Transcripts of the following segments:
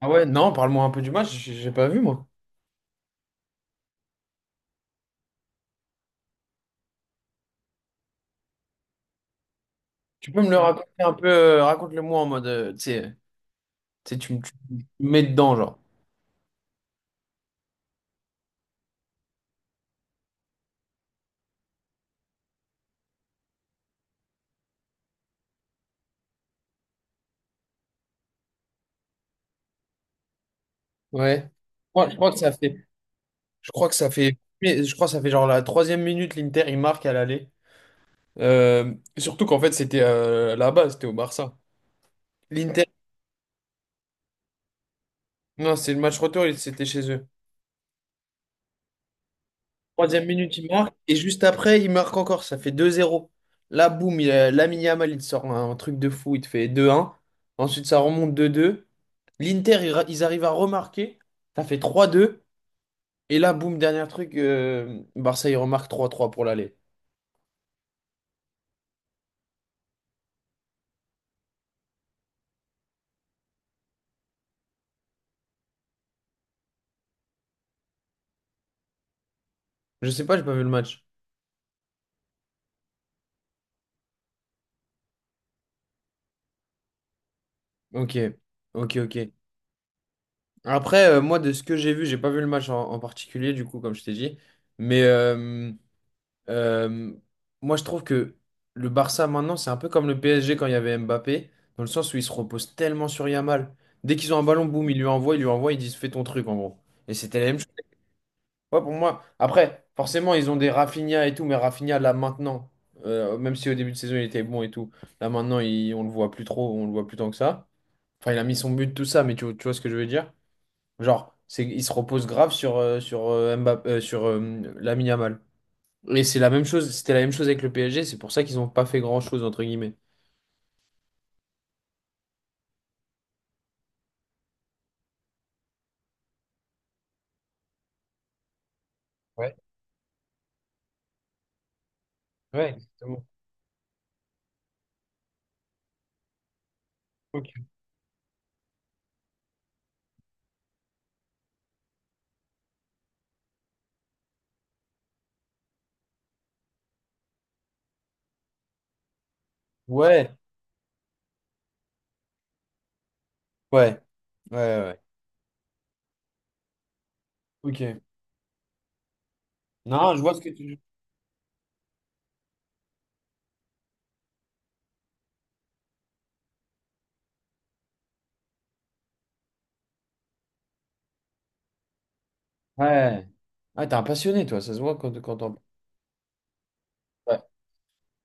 Ah ouais, non, parle-moi un peu du match, j'ai pas vu moi. Tu peux me le Ah, raconter un peu, Raconte-le-moi en mode, tu sais, tu me mets dedans, genre. Ouais. Moi, je crois que ça fait genre la troisième minute, l'Inter, il marque à l'aller. Surtout qu'en fait, c'était là-bas, c'était au Barça. L'Inter, non, c'est le match retour, c'était chez eux. Troisième minute, il marque, et juste après, il marque encore, ça fait deux zéro. Là, boum, Lamine Yamal, il te sort un truc de fou, il te fait deux un. Ensuite, ça remonte deux deux. L'Inter, ils arrivent à remarquer. Ça fait trois deux. Et là, boum, dernier truc, Barça, ils remarquent trois trois pour l'aller. Je sais pas, j'ai pas vu le match. Ok, ok, ok. Après, moi, de ce que j'ai vu, j'ai pas vu le match en particulier, du coup, comme je t'ai dit. Mais euh, moi, je trouve que le Barça, maintenant, c'est un peu comme le PSG quand il y avait Mbappé, dans le sens où ils se reposent tellement sur Yamal. Dès qu'ils ont un ballon, boum, ils lui envoient, ils lui envoient, ils disent fais ton truc, en gros. Et c'était la même chose. Ouais, pour moi. Après, forcément, ils ont des Rafinha et tout, mais Rafinha, là, maintenant, même si au début de saison, il était bon et tout, là, maintenant, on le voit plus trop, on le voit plus tant que ça. Enfin, il a mis son but, tout ça, mais tu vois ce que je veux dire? Genre, c'est, il se repose grave sur, sur, Mbappé, sur Lamine Yamal. Et c'est la même chose, c'était la même chose avec le PSG, c'est pour ça qu'ils n'ont pas fait grand-chose, entre guillemets. Ouais, ouais, exactement. Ok. Ouais, ouais, ouais, ouais. Ok. Non, je vois ce que tu... Ouais. Ah, t'es un passionné, toi, ça se voit quand t'en...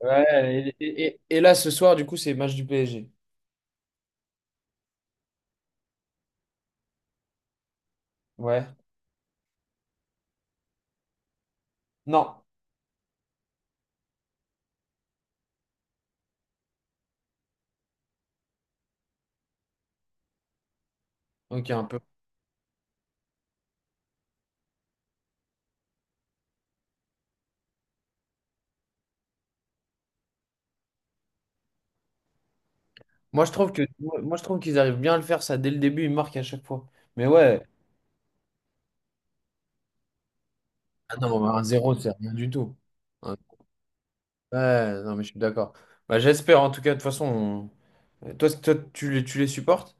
Ouais, et là, ce soir, du coup, c'est match du PSG. Ouais. Non. Ok, un peu. Moi, je trouve qu'ils arrivent bien à le faire, ça, dès le début, ils marquent à chaque fois. Mais ouais. Ah non, un zéro, c'est rien du tout. Un- Ouais, non, mais je suis d'accord. Bah, j'espère, en tout cas, de toute façon. Toi, toi, tu les supportes?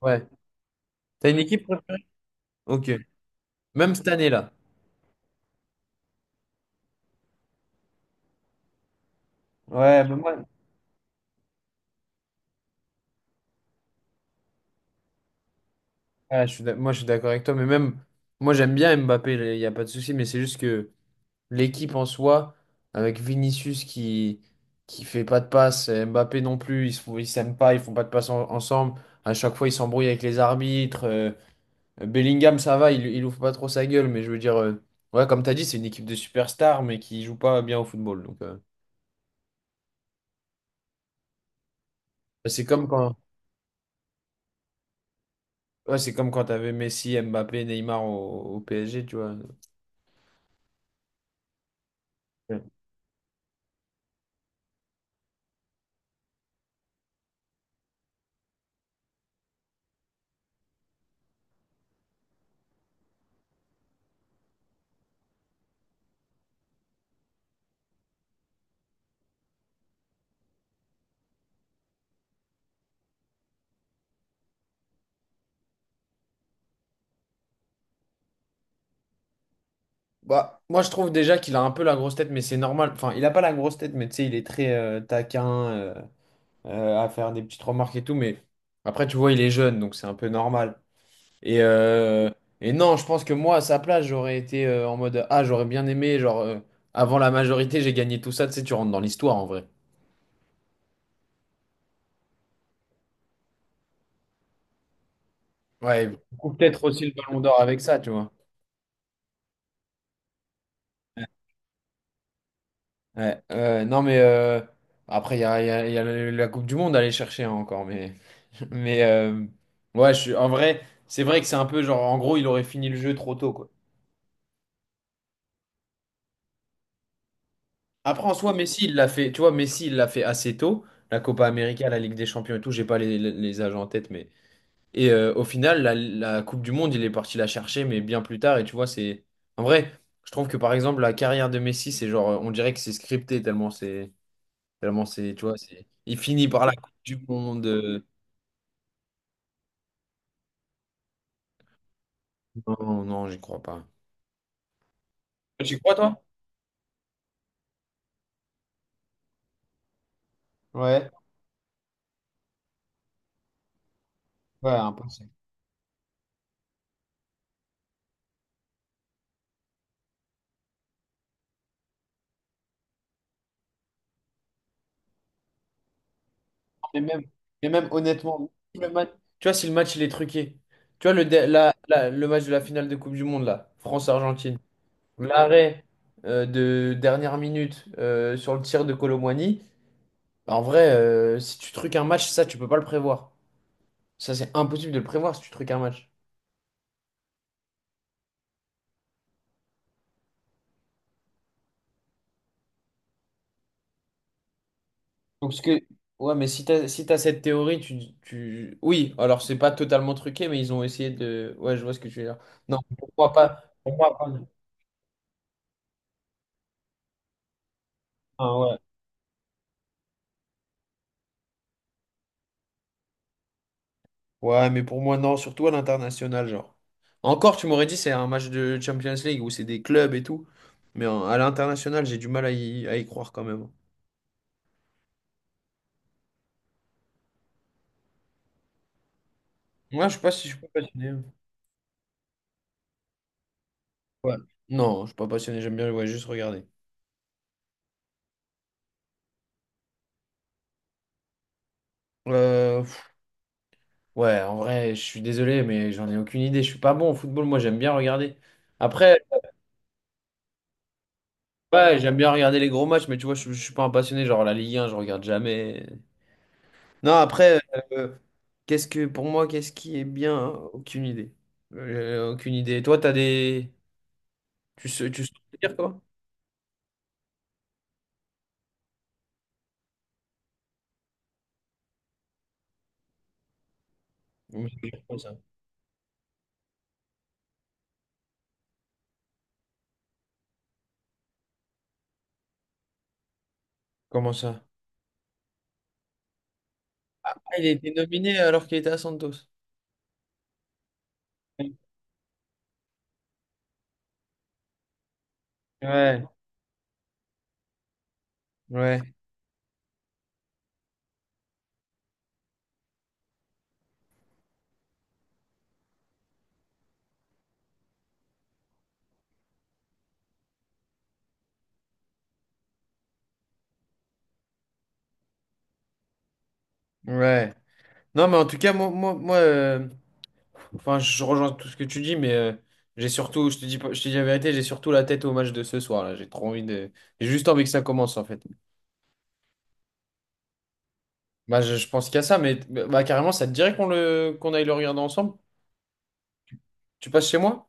Ouais. T'as une équipe préférée? Ok. Même cette année-là. Ouais, bah moi, ouais, moi, je suis d'accord avec toi, mais même, moi, j'aime bien Mbappé, il n'y a pas de souci, mais c'est juste que. L'équipe en soi, avec Vinicius qui fait pas de passe, et Mbappé non plus, ils s'aiment pas, ils font pas de passe ensemble. À chaque fois, ils s'embrouillent avec les arbitres. Bellingham, ça va, il ouvre pas trop sa gueule, mais je veux dire, ouais, comme tu as dit, c'est une équipe de superstars, mais qui joue pas bien au football. Donc, ouais, ouais, c'est comme quand t'avais Messi, Mbappé, Neymar au PSG, tu vois. Ouais. Bah, moi, je trouve déjà qu'il a un peu la grosse tête, mais c'est normal. Enfin, il a pas la grosse tête, mais tu sais, il est très taquin. À faire des petites remarques et tout, mais après, tu vois, il est jeune, donc c'est un peu normal. Et, euh, et non, je pense que moi, à sa place, j'aurais été en mode, ah, j'aurais bien aimé, genre, avant la majorité, j'ai gagné tout ça, tu sais, tu rentres dans l'histoire en vrai. Ouais, ou peut-être aussi le Ballon d'Or avec ça, tu vois. Ouais, non, mais après, il y a la Coupe du Monde à aller chercher hein, encore, mais, mais ouais, je suis, en vrai, c'est vrai que c'est un peu genre, en gros, il aurait fini le jeu trop tôt, quoi. Après, en soi, Messi, il l'a fait, tu vois, Messi, il l'a fait assez tôt, la Copa América, la Ligue des Champions et tout, j'ai pas les âges en tête, mais... Et au final, la Coupe du Monde, il est parti la chercher, mais bien plus tard, et tu vois, c'est... En vrai, je trouve que, par exemple, la carrière de Messi, c'est genre, on dirait que c'est scripté, tellement c'est... Tellement c'est, tu vois, c'est... Il finit par la Coupe du Monde... Non, non, j'y crois pas. Tu crois, toi? Ouais, ouais, impossible. Et même, et même honnêtement, si le match- tu vois, si le match il est truqué, tu vois, le match de la finale de Coupe du Monde, là, France-Argentine, l'arrêt de dernière minute sur le tir de Colomboigny, bah, en vrai, si tu truques un match, ça, tu peux pas le prévoir. Ça, c'est impossible de le prévoir si tu truques un match. Donc, ce que... Ouais, mais si t'as cette théorie, tu... Oui, alors c'est pas totalement truqué, mais ils ont essayé de... Ouais, je vois ce que tu veux dire. Non, pour moi, pas... Pour moi, pas... Ah, ouais. Ouais, mais pour moi, non, surtout à l'international, genre. Encore, tu m'aurais dit, c'est un match de Champions League où c'est des clubs et tout. Mais à l'international, j'ai du mal à à y croire quand même. Moi, je sais pas si je suis pas passionné. Ouais. Non, je suis pas passionné, j'aime bien ouais, juste regarder. Pff, ouais, en vrai, je suis désolé, mais j'en ai aucune idée. Je suis pas bon au football, moi, j'aime bien regarder. Après, ouais, j'aime bien regarder les gros matchs, mais tu vois, je suis pas un passionné. Genre, la Ligue 1, je regarde jamais. Non, après, euh, qu'est-ce que pour moi, qu'est-ce qui est bien? Hein, aucune idée. Aucune idée. Toi, t'as des. Tu sais dire quoi? Comment ça? Comment ça? Ah, il a été nominé alors qu'il était à Santos. Ouais, ouais, ouais. Non, mais en tout cas, moi, enfin, je rejoins tout ce que tu dis, mais j'ai surtout, je te dis, pas- je te dis la vérité, j'ai surtout la tête au match de ce soir, là. J'ai trop envie de. J'ai juste envie que ça commence, en fait. Bah, je pense qu'il y a ça, mais carrément, ça te dirait qu'on aille le regarder ensemble? Tu passes chez moi?